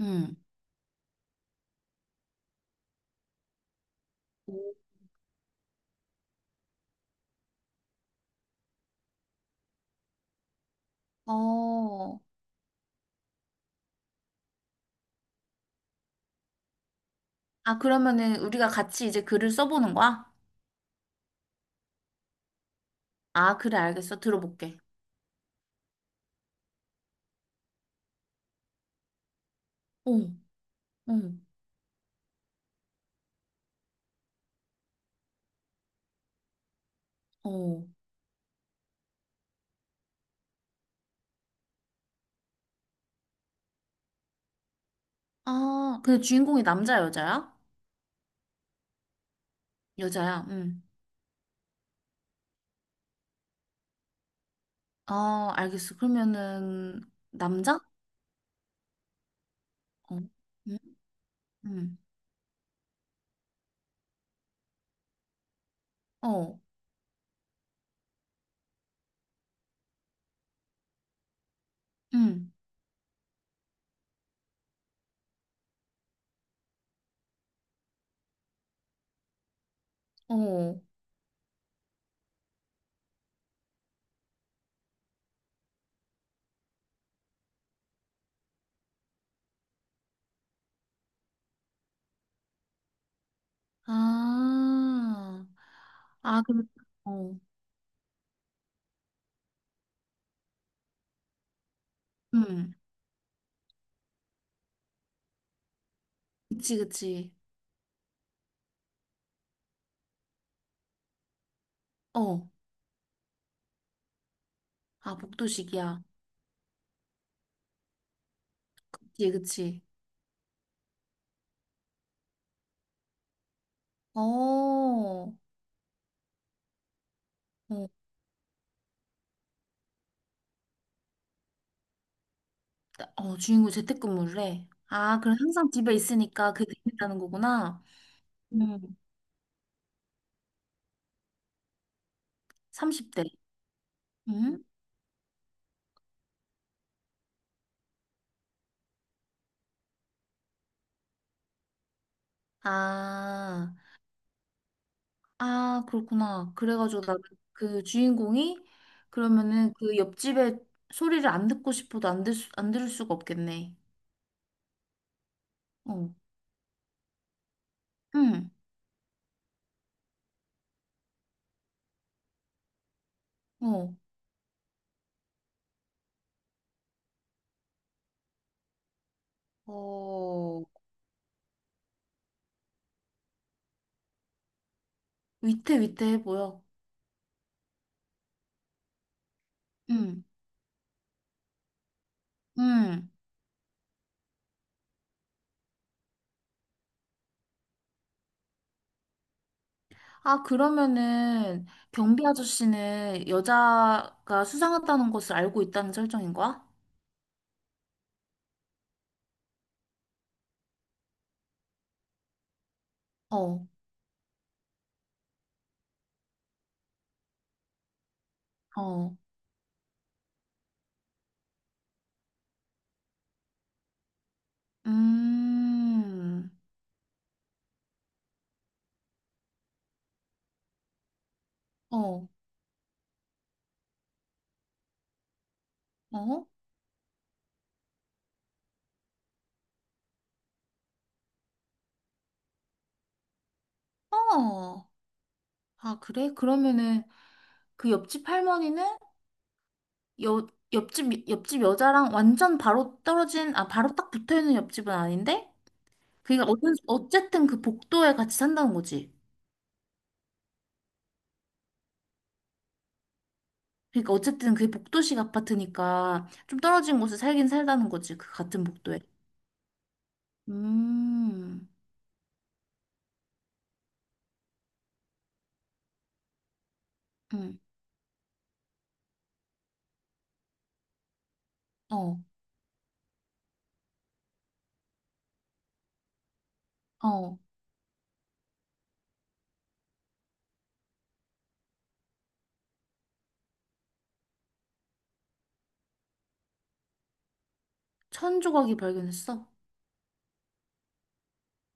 응. 어. 아, 그러면은 우리가 같이 이제 글을 써보는 거야? 아, 그래, 알겠어. 들어볼게. 어, 응, 어. 아, 근데 주인공이 남자, 여자야? 여자야, 응. 아, 알겠어. 그러면은, 남자? 어, 응, 응, 어, 응, 어. 아, 아, 그럼, 어, 응. 그치, 그치. 어. 아, 복도식이야. 그치, 그치. 어, 어. 어, 주인공 재택근무를 해. 아, 그럼 항상 집에 있으니까 그게 있다는 거구나. 음, 30대. 음? 아, 아, 그렇구나. 그래가지고 나 그 주인공이 그러면은 그 옆집에 소리를 안 듣고 싶어도 안 들, 수, 안 들을 수가 없겠네. 어, 응, 어, 어, 위태위태해 보여. 응, 응. 아, 그러면은 경비 아저씨는 여자가 수상하다는 것을 알고 있다는 설정인 거야? 어, 어, 음, 어, 어? 어. 아, 그래? 그러면은 그 옆집 할머니는 여, 옆집 여자랑 완전 바로 떨어진, 아, 바로 딱 붙어 있는 옆집은 아닌데? 그니까, 어 어쨌든 그 복도에 같이 산다는 거지. 그니까, 어쨌든 그게 복도식 아파트니까 좀 떨어진 곳에 살긴 살다는 거지. 그 같은 복도에. 음, 음, 어. 어. 천 조각이 발견했어.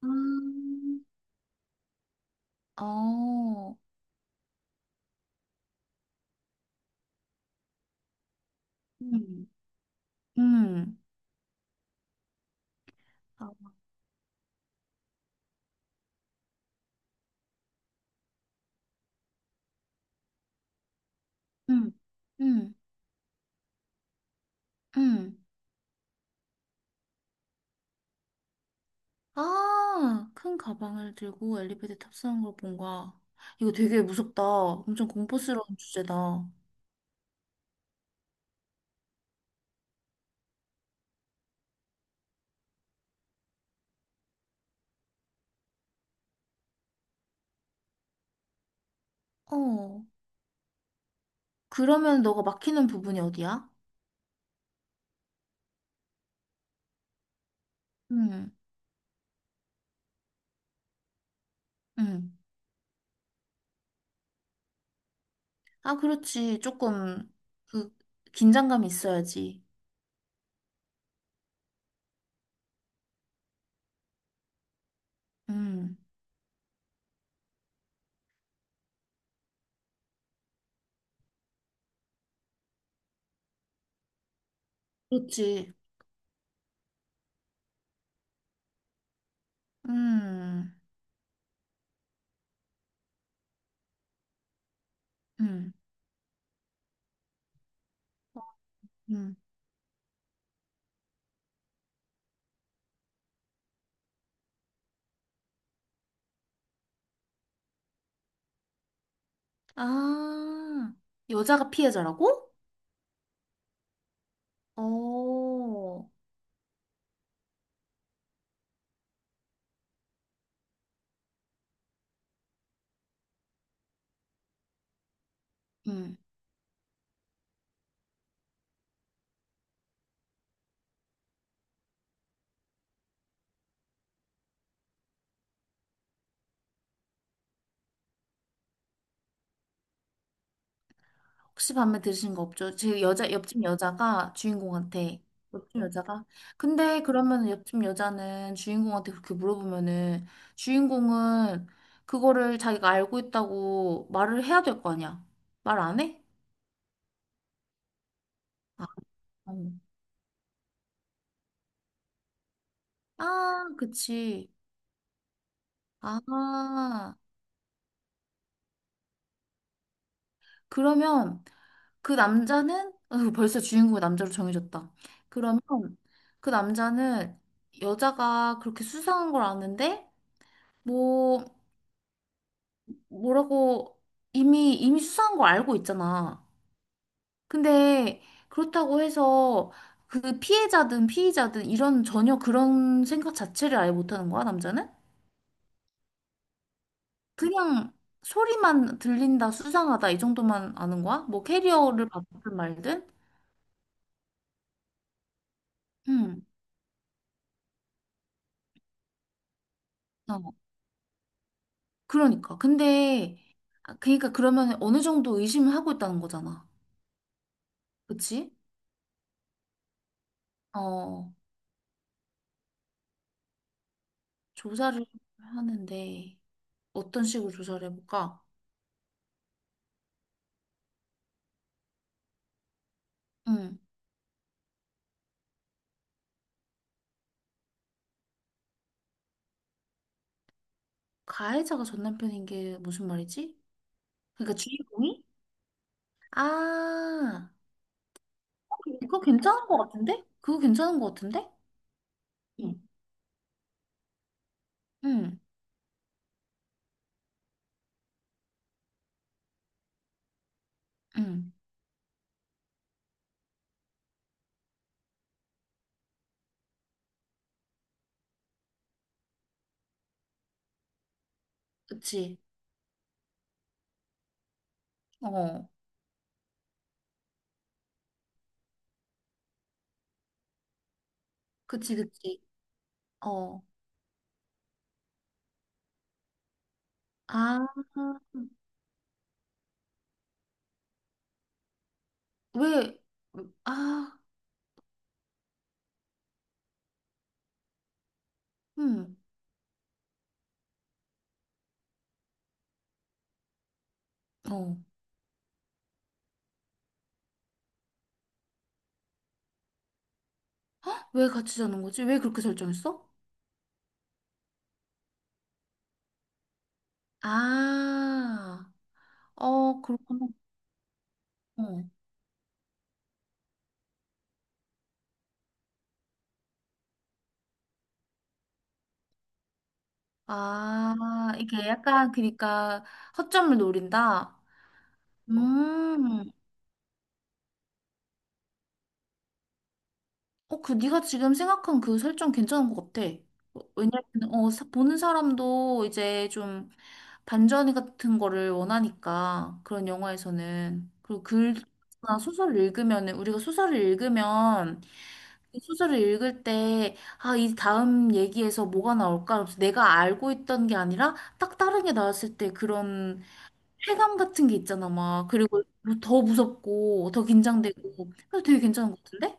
음, 어. 음, 음, 응, 음, 음. 아, 큰 가방을 들고 엘리베이터 탑승한 걸 본 거야. 이거 되게 무섭다. 엄청 공포스러운 주제다. 어, 그러면 너가 막히는 부분이 어디야? 음, 음. 아, 그렇지. 조금, 그, 긴장감이 있어야지. 음, 그렇지. 음, 음, 음. 아, 여자가 피해자라고? 어. 음. 혹시 밤에 들으신 거 없죠? 제 여자 옆집 여자가 주인공한테 옆집 여자가 근데 그러면 옆집 여자는 주인공한테 그렇게 물어보면은 주인공은 그거를 자기가 알고 있다고 말을 해야 될 거 아니야? 말 안 해? 아, 어. 아, 그치. 아, 그러면 그 남자는 어, 벌써 주인공이 남자로 정해졌다. 그러면 그 남자는 여자가 그렇게 수상한 걸 아는데 뭐 뭐라고 이미 수사한 거 알고 있잖아. 근데 그렇다고 해서 그 피해자든 피의자든 이런 전혀 그런 생각 자체를 아예 못하는 거야, 남자는? 그냥 소리만 들린다, 수상하다 이 정도만 아는 거야? 뭐 캐리어를 받든 말든? 응 어, 그러니까. 근데 아, 그러니까 그러면 어느 정도 의심을 하고 있다는 거잖아. 그치? 어, 조사를 하는데 어떤 식으로 조사를 해볼까? 응 가해자가 전 남편인 게 무슨 말이지? 그러니까 주인공이? 아, 그거 괜찮은 것 같은데? 그거 괜찮은 것 같은데? 응, 응, 응. 그치. 어, 그치, 그치. 어, 아, 왜, 아, 음, 어. 왜 같이 자는 거지? 왜 그렇게 설정했어? 아, 어, 그렇구나. 어. 아, 이게 약간, 그러니까, 허점을 노린다? 음, 어, 그 네가 지금 생각한 그 설정 괜찮은 것 같아. 어, 왜냐면 어, 보는 사람도 이제 좀 반전 같은 거를 원하니까 그런 영화에서는 그리고 글이나 소설을 읽으면은 우리가 소설을 읽으면 이 소설을 읽을 때 아, 이 다음 얘기에서 뭐가 나올까? 그래서 내가 알고 있던 게 아니라 딱 다른 게 나왔을 때 그런 쾌감 같은 게 있잖아, 막. 그리고 더 무섭고 더 긴장되고 그래서 되게 괜찮은 것 같은데?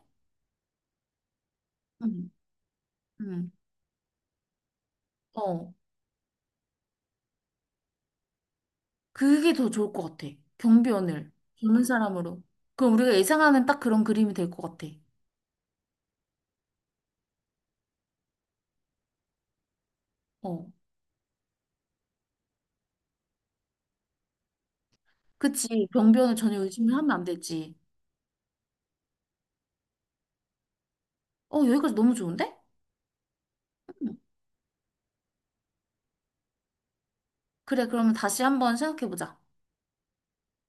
응. 응. 어, 그게 더 좋을 것 같아. 경비원을 젊은 사람으로. 그럼 우리가 예상하는 딱 그런 그림이 될 것 같아. 어, 그치. 경비원을 전혀 의심을 하면 안 되지. 어, 여기까지 너무 좋은데? 음. 그래, 그러면 다시 한번 생각해보자.